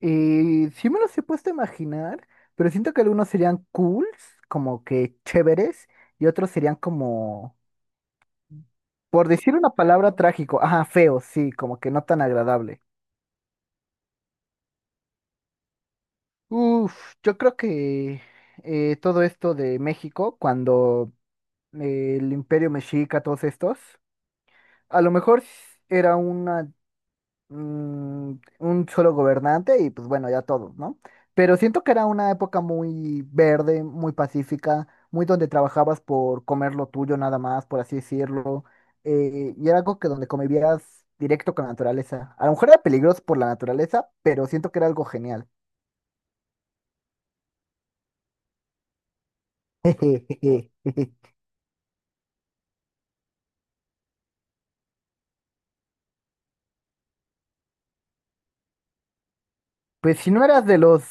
Y sí me los he puesto a imaginar, pero siento que algunos serían cools, como que chéveres, y otros serían como, por decir una palabra, trágico, ajá, feo, sí, como que no tan agradable. Uf, yo creo que todo esto de México, cuando el Imperio Mexica, todos estos, a lo mejor s- era una mm, un solo gobernante y pues bueno, ya todos, ¿no? Pero siento que era una época muy verde, muy pacífica, muy donde trabajabas por comer lo tuyo nada más, por así decirlo, y era algo que donde convivías directo con la naturaleza. A lo mejor era peligroso por la naturaleza, pero siento que era algo genial. Pues si no eras de los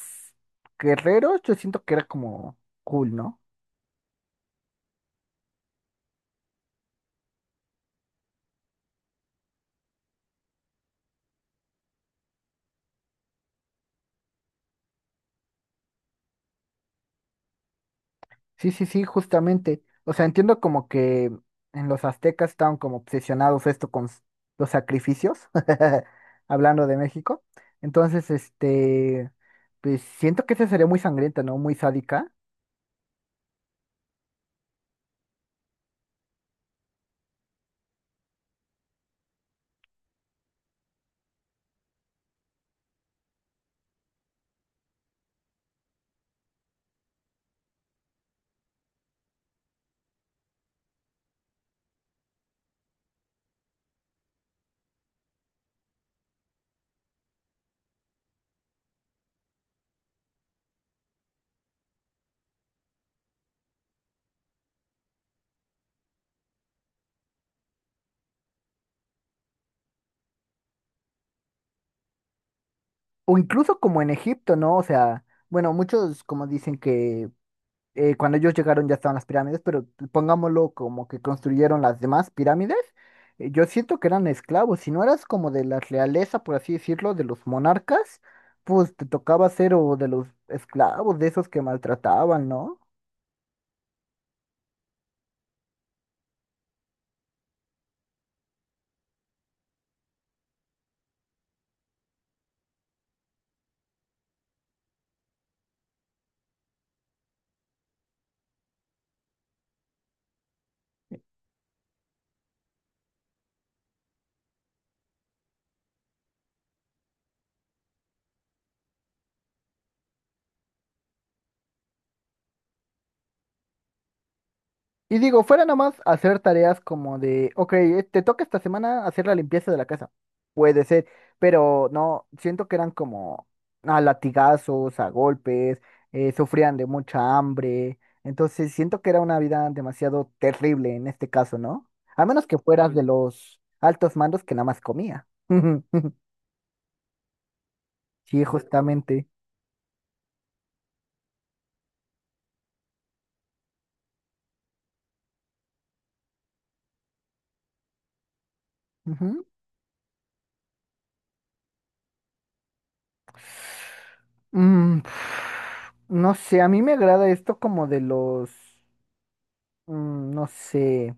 guerreros, yo siento que era como cool, ¿no? Sí, sí, sí, justamente. O sea, entiendo como que en los aztecas estaban como obsesionados esto los sacrificios, hablando de México. Entonces, este, pues siento que esa sería muy sangrienta, ¿no? Muy sádica. O incluso como en Egipto, ¿no? O sea, bueno, muchos como dicen que cuando ellos llegaron ya estaban las pirámides, pero pongámoslo como que construyeron las demás pirámides, yo siento que eran esclavos. Si no eras como de la realeza, por así decirlo, de los monarcas, pues te tocaba ser o de los esclavos, de esos que maltrataban, ¿no? Y digo, fuera nomás hacer tareas como de, ok, te toca esta semana hacer la limpieza de la casa. Puede ser, pero no, siento que eran como a latigazos, a golpes, sufrían de mucha hambre. Entonces siento que era una vida demasiado terrible en este caso, ¿no? A menos que fueras de los altos mandos que nada más comía. Sí, justamente. Ujú. Mm, no sé, a mí me agrada esto como de los, no sé.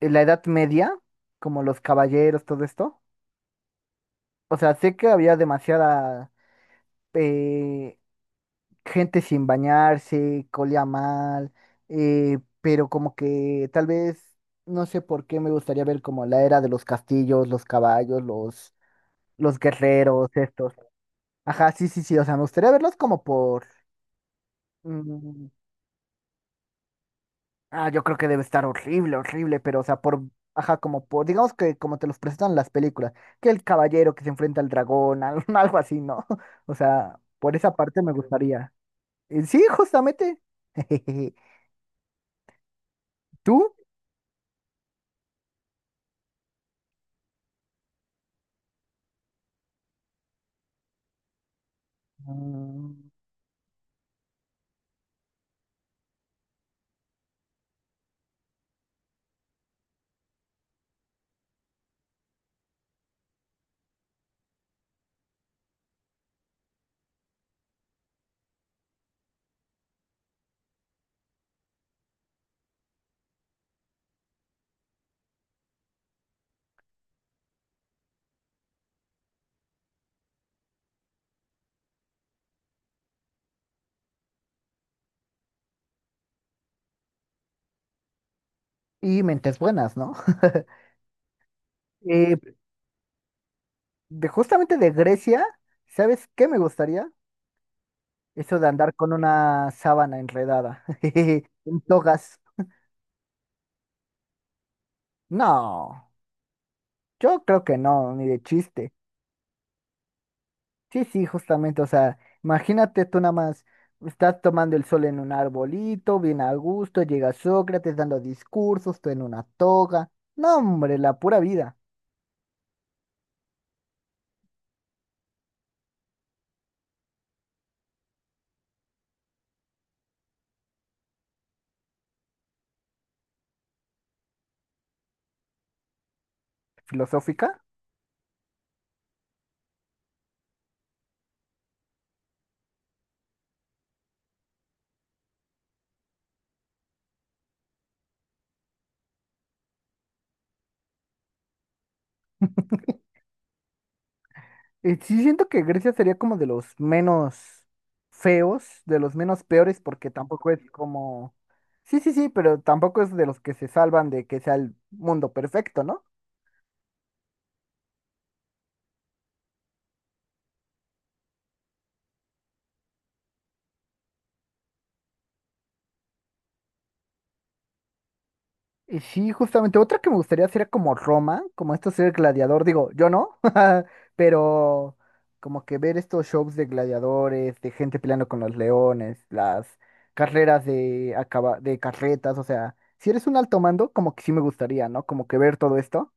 En la Edad Media, como los caballeros, todo esto. O sea, sé que había demasiada eh, gente sin bañarse, colía mal, pero como que tal vez, no sé por qué me gustaría ver como la era de los castillos, los caballos, los guerreros, estos. Ajá, sí, sí, sí, o sea, me gustaría verlos como por, mm, ah, yo creo que debe estar horrible, horrible, pero o sea, por, ajá, como por, digamos que como te los presentan las películas, que el caballero que se enfrenta al dragón, algo así, ¿no? O sea, por esa parte me gustaría. Sí, justamente. ¿Tú? Mm, Y mentes buenas, ¿no? Eh, justamente de Grecia, ¿sabes qué me gustaría? Eso de andar con una sábana enredada, en togas. No, yo creo que no, ni de chiste. Sí, sí, justamente, o sea, imagínate tú nada más, estás tomando el sol en un arbolito, bien a gusto, llega Sócrates dando discursos, tú en una toga. No, hombre, la pura vida filosófica. Y sí siento que Grecia sería como de los menos feos, de los menos peores, porque tampoco es como... Sí, sí, sí, pero tampoco es de los que se salvan de que sea el mundo perfecto, ¿no? Y sí, justamente otra que me gustaría sería como Roma, como esto ser gladiador, digo, yo no, pero como que ver estos shows de gladiadores, de gente peleando con los leones, las carreras de carretas, o sea, si eres un alto mando, como que sí me gustaría, ¿no? Como que ver todo esto.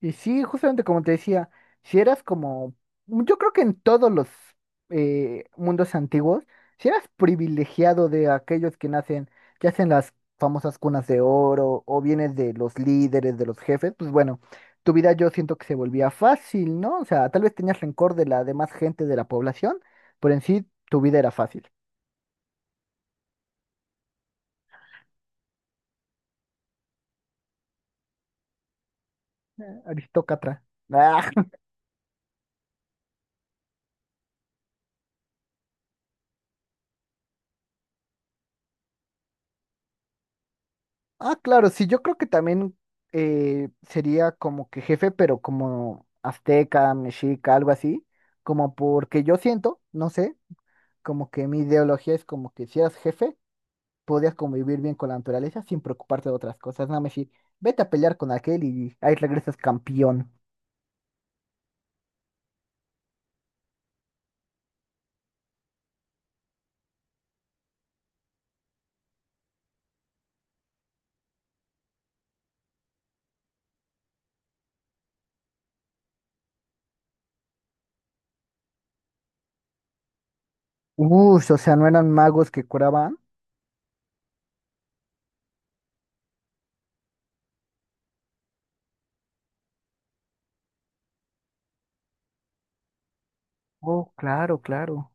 Y sí, justamente como te decía, si eras como, yo creo que en todos los mundos antiguos, si eras privilegiado de aquellos que nacen, que hacen las famosas cunas de oro, o vienes de los líderes, de los jefes, pues bueno, tu vida yo siento que se volvía fácil, ¿no? O sea, tal vez tenías rencor de la demás gente de la población, pero en sí tu vida era fácil. Aristócrata. Ah, ah, claro, sí, yo creo que también sería como que jefe, pero como azteca, mexica, algo así, como porque yo siento, no sé, como que mi ideología es como que si eras jefe, podías convivir bien con la naturaleza sin preocuparte de otras cosas, nada más decir, vete a pelear con aquel y ahí regresas campeón. Uy, o sea, no eran magos que curaban. Oh, claro, claro.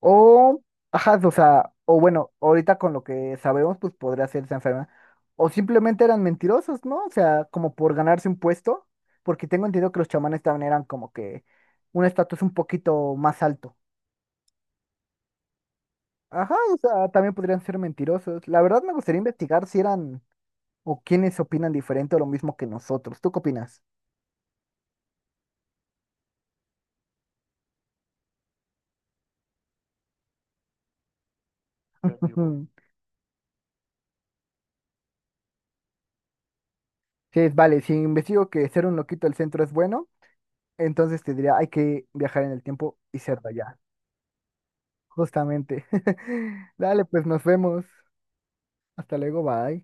O, ajá, o sea, o bueno, ahorita con lo que sabemos, pues podría ser esa enferma. O simplemente eran mentirosos, ¿no? O sea, como por ganarse un puesto, porque tengo entendido que los chamanes también eran como que un estatus un poquito más alto. Ajá, o sea, también podrían ser mentirosos. La verdad me gustaría investigar si eran o quiénes opinan diferente o lo mismo que nosotros. ¿Tú qué opinas? Ujú. Sí, vale, si investigo que ser un loquito del centro es bueno, entonces te diría, hay que viajar en el tiempo y ser de allá. Justamente. Dale, pues nos vemos. Hasta luego, bye.